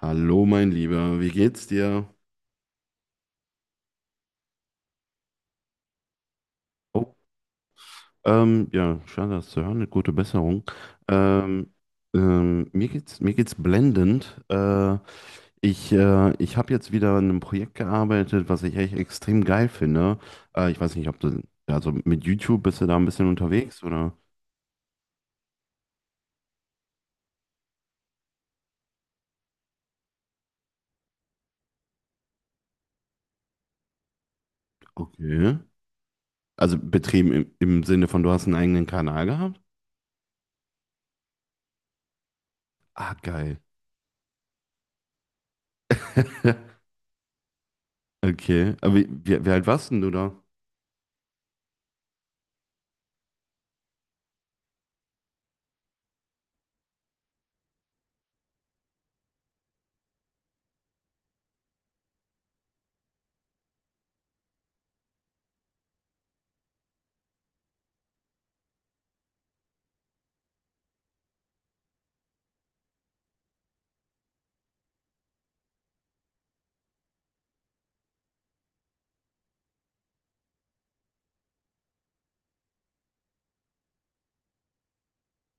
Hallo, mein Lieber, wie geht's dir? Oh, ja, schade, das zu hören, eine gute Besserung. Ähm, mir geht's blendend. Ich habe jetzt wieder an einem Projekt gearbeitet, was ich echt extrem geil finde. Ich weiß nicht, also mit YouTube bist du da ein bisschen unterwegs oder? Okay. Also betrieben im Sinne von, du hast einen eigenen Kanal gehabt? Ah, geil. Okay. Aber wie alt warst denn du da?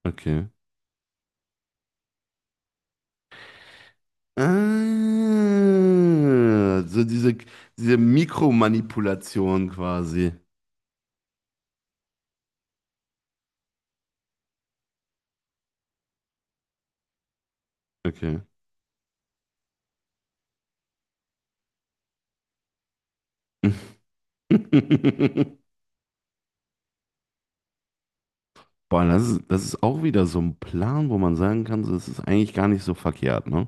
Okay. Ah, so diese Mikromanipulation quasi. Okay. Boah, das ist auch wieder so ein Plan, wo man sagen kann, so, das ist eigentlich gar nicht so verkehrt, ne?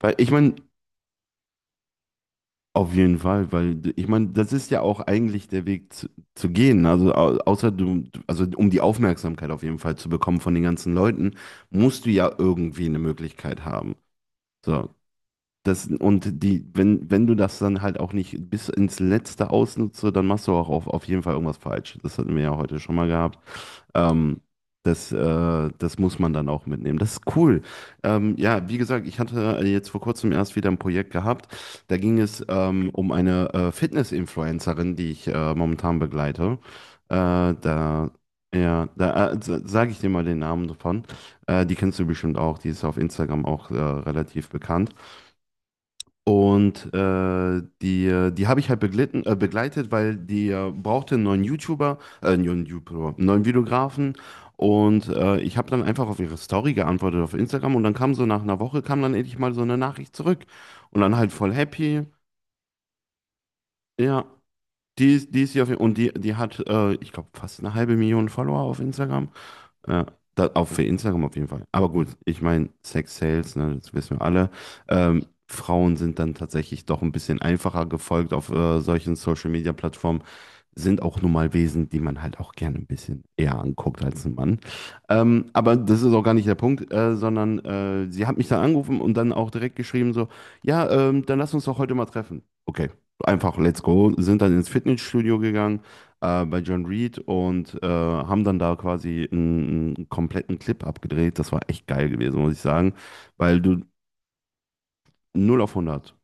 Weil ich meine, auf jeden Fall, ich meine, das ist ja eigentlich der Weg zu gehen. Also um die Aufmerksamkeit auf jeden Fall zu bekommen von den ganzen Leuten, musst du ja irgendwie eine Möglichkeit haben. So, Das, und die, wenn, wenn du das dann halt auch nicht bis ins Letzte ausnutzt, dann machst du auch auf jeden Fall irgendwas falsch. Das hatten wir ja heute schon mal gehabt. Ähm, das muss man dann auch mitnehmen. Das ist cool. Ja, wie gesagt, ich hatte jetzt vor kurzem erst wieder ein Projekt gehabt. Da ging es um eine Fitness-Influencerin, die ich momentan begleite. Äh, da, ja, da sage ich dir mal den Namen davon. Die kennst du bestimmt auch. Die ist auf Instagram auch relativ bekannt. Und die habe ich halt begleitet, weil die brauchte einen neuen YouTuber, einen neuen Videografen. Und ich habe dann einfach auf ihre Story geantwortet auf Instagram und dann kam so nach einer Woche, kam dann endlich mal so eine Nachricht zurück. Und dann halt voll happy. Ja, die ist hier auf, und die, die hat, ich glaube, fast eine halbe Million Follower auf Instagram. Ja, auch für Instagram auf jeden Fall. Aber gut, ich meine, Sex Sales, ne, das wissen wir alle. Frauen sind dann tatsächlich doch ein bisschen einfacher gefolgt auf solchen Social Media Plattformen sind auch nun mal Wesen, die man halt auch gerne ein bisschen eher anguckt als ein Mann. Aber das ist auch gar nicht der Punkt, sondern sie hat mich dann angerufen und dann auch direkt geschrieben so, ja, dann lass uns doch heute mal treffen. Okay, einfach let's go. Sind dann ins Fitnessstudio gegangen bei John Reed und haben dann da quasi einen kompletten Clip abgedreht. Das war echt geil gewesen, muss ich sagen, weil du null auf hundert.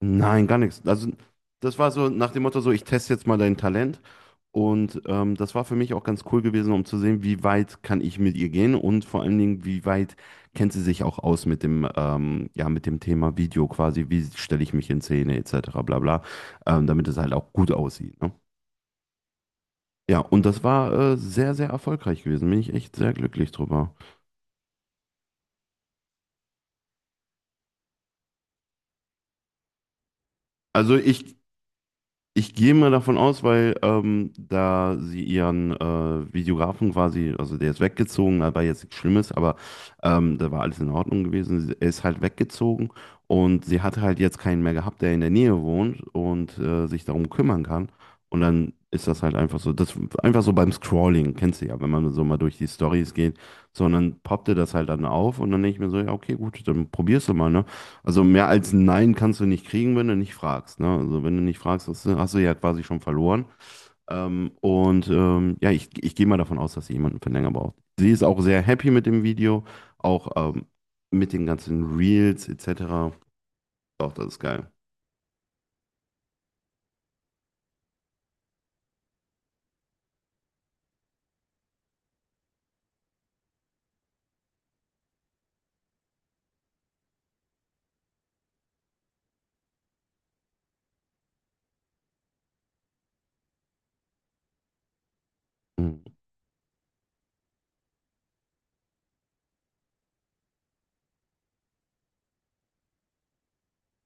Nein, gar nichts. Also das war so nach dem Motto so, ich teste jetzt mal dein Talent. Und das war für mich auch ganz cool gewesen, um zu sehen, wie weit kann ich mit ihr gehen und vor allen Dingen, wie weit kennt sie sich auch aus mit dem, ja, mit dem Thema Video quasi, wie stelle ich mich in Szene etc. bla bla, damit es halt auch gut aussieht. Ne? Ja, und das war sehr, sehr erfolgreich gewesen. Bin ich echt sehr glücklich drüber. Also ich gehe mal davon aus, weil da sie ihren Videografen quasi, also der ist weggezogen, war jetzt nichts Schlimmes, aber da war alles in Ordnung gewesen. Er ist halt weggezogen und sie hat halt jetzt keinen mehr gehabt, der in der Nähe wohnt und sich darum kümmern kann. Und dann ist das halt einfach so, das einfach so beim Scrolling, kennst du ja, wenn man so mal durch die Stories geht, sondern poppte das halt dann auf und dann denke ich mir so, ja, okay, gut, dann probierst du mal, ne? Also mehr als ein Nein kannst du nicht kriegen, wenn du nicht fragst. Ne? Also wenn du nicht fragst, hast du ja quasi schon verloren. Und ja, ich gehe mal davon aus, dass sie jemanden für länger braucht. Sie ist auch sehr happy mit dem Video, auch mit den ganzen Reels etc. Doch, das ist geil. Mhm.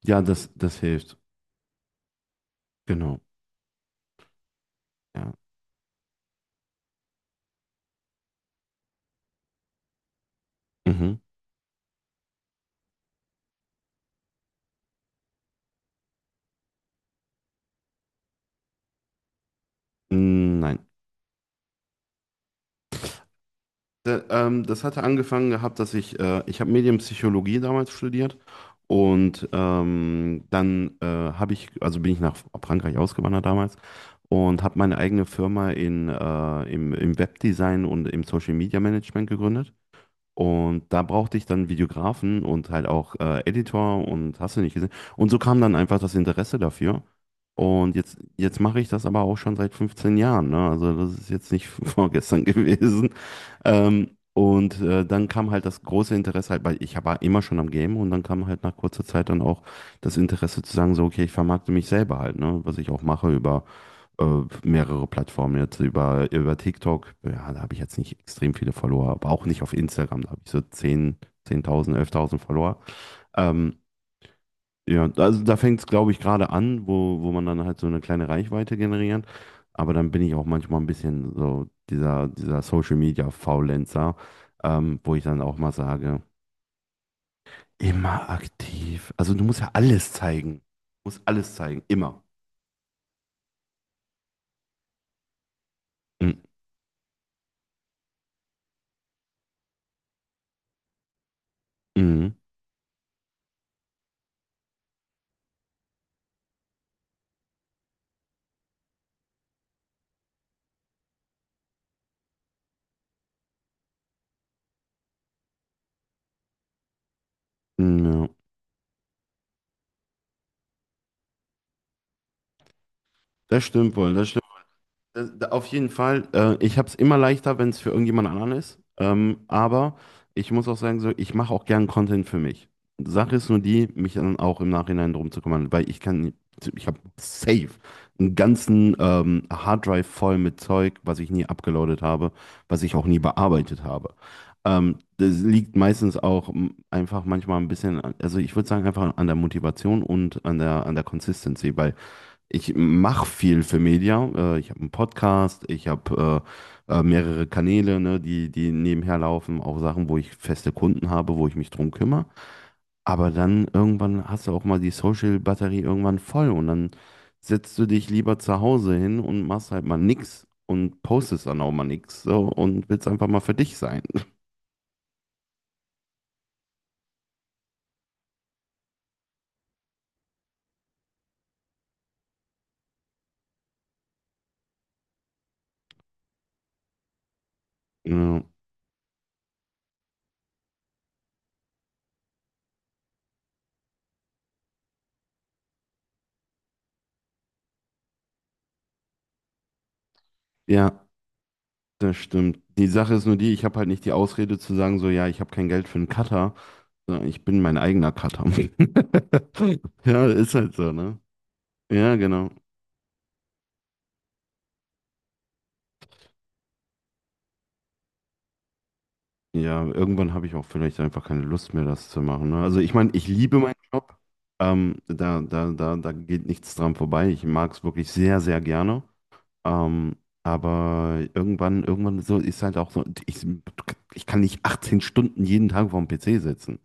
Ja, das hilft. Genau. Ja. Mhm. Mm, nein. Da, das hatte angefangen gehabt, dass ich habe Medienpsychologie damals studiert und dann habe ich, also bin ich nach Frankreich ausgewandert damals und habe meine eigene Firma im Webdesign und im Social Media Management gegründet. Und da brauchte ich dann Videografen und halt auch Editor und hast du nicht gesehen. Und so kam dann einfach das Interesse dafür. Und jetzt mache ich das aber auch schon seit 15 Jahren, ne? Also das ist jetzt nicht vorgestern gewesen. Und dann kam halt das große Interesse halt, weil ich war immer schon am Game und dann kam halt nach kurzer Zeit dann auch das Interesse zu sagen, so, okay, ich vermarkte mich selber halt, ne? Was ich auch mache über äh, mehrere Plattformen jetzt, über TikTok, ja, da habe ich jetzt nicht extrem viele Follower, aber auch nicht auf Instagram, da habe ich so 10.000 11.000 Follower. Ähm, ja, also da fängt es, glaube ich, gerade an, wo man dann halt so eine kleine Reichweite generiert. Aber dann bin ich auch manchmal ein bisschen so dieser Social Media Faulenzer, wo ich dann auch mal sage, immer aktiv. Also du musst ja alles zeigen. Du musst alles zeigen, immer. Mhm. Mhm. Ja, das stimmt wohl. Auf jeden Fall. Ich habe es immer leichter, wenn es für irgendjemand anderen ist. Aber ich muss auch sagen, so, ich mache auch gern Content für mich. Sache ist nur die, mich dann auch im Nachhinein drum zu kümmern, weil ich kann, ich habe safe einen ganzen Harddrive voll mit Zeug, was ich nie abgeloadet habe, was ich auch nie bearbeitet habe. Das liegt meistens auch einfach manchmal ein bisschen, also ich würde sagen, einfach an der Motivation und an der Consistency, weil ich mache viel für Media. Ich habe einen Podcast, ich habe mehrere Kanäle, ne, die nebenher laufen, auch Sachen, wo ich feste Kunden habe, wo ich mich drum kümmere. Aber dann irgendwann hast du auch mal die Social-Batterie irgendwann voll und dann setzt du dich lieber zu Hause hin und machst halt mal nix und postest dann auch mal nix so, und willst einfach mal für dich sein. Ja, ja, das stimmt. Die Sache ist nur die, ich habe halt nicht die Ausrede zu sagen, so, ja, ich habe kein Geld für einen Cutter, sondern ich bin mein eigener Cutter. Ja, ist halt so, ne? Ja, genau. Ja, irgendwann habe ich auch vielleicht einfach keine Lust mehr, das zu machen. Ne? Also ich meine, ich liebe meinen Job. Da geht nichts dran vorbei. Ich mag es wirklich sehr, sehr gerne. Ähm, aber irgendwann so ist halt auch so, ich kann nicht 18 Stunden jeden Tag vorm PC sitzen.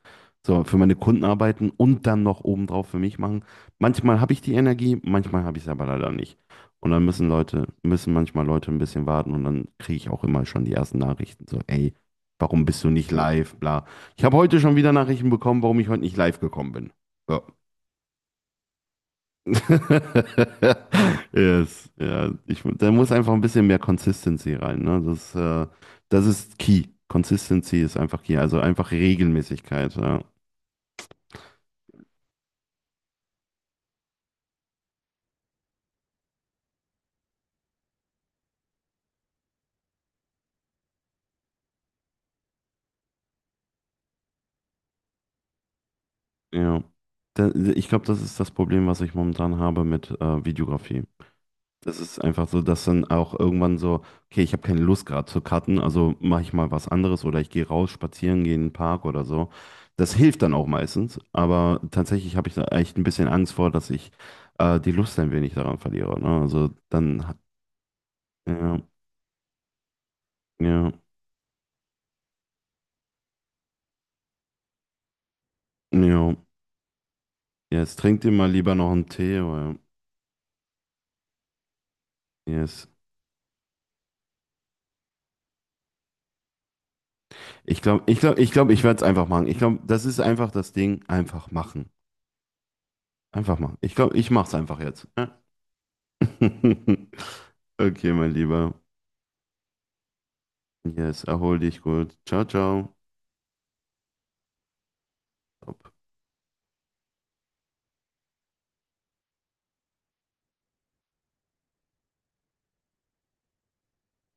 So, für meine Kunden arbeiten und dann noch obendrauf für mich machen. Manchmal habe ich die Energie, manchmal habe ich es aber leider nicht. Und dann müssen Leute, müssen manchmal Leute ein bisschen warten und dann kriege ich auch immer schon die ersten Nachrichten. So, ey, warum bist du nicht live? Bla. Ich habe heute schon wieder Nachrichten bekommen, warum ich heute nicht live gekommen bin. So. Yes, ja, da muss einfach ein bisschen mehr Consistency rein, ne? Das ist key. Consistency ist einfach key, also einfach Regelmäßigkeit, ja. Ja. Da, ich glaube, das ist das Problem, was ich momentan habe mit Videografie. Das ist einfach so, dass dann auch irgendwann so, okay, ich habe keine Lust gerade zu cutten, also mache ich mal was anderes oder ich gehe raus, spazieren, gehe in den Park oder so. Das hilft dann auch meistens, aber tatsächlich habe ich da echt ein bisschen Angst vor, dass ich die Lust ein wenig daran verliere. Ne? Also dann, ja, ja, ja. Ja, jetzt trinkt dir mal lieber noch einen Tee oder, yes. Ich glaube, ich werde es einfach machen. Ich glaube, das ist einfach das Ding, einfach machen. Einfach machen. Ich glaube, ich mache es einfach jetzt, ja? Okay, mein Lieber. Yes, erhol dich gut. Ciao, ciao.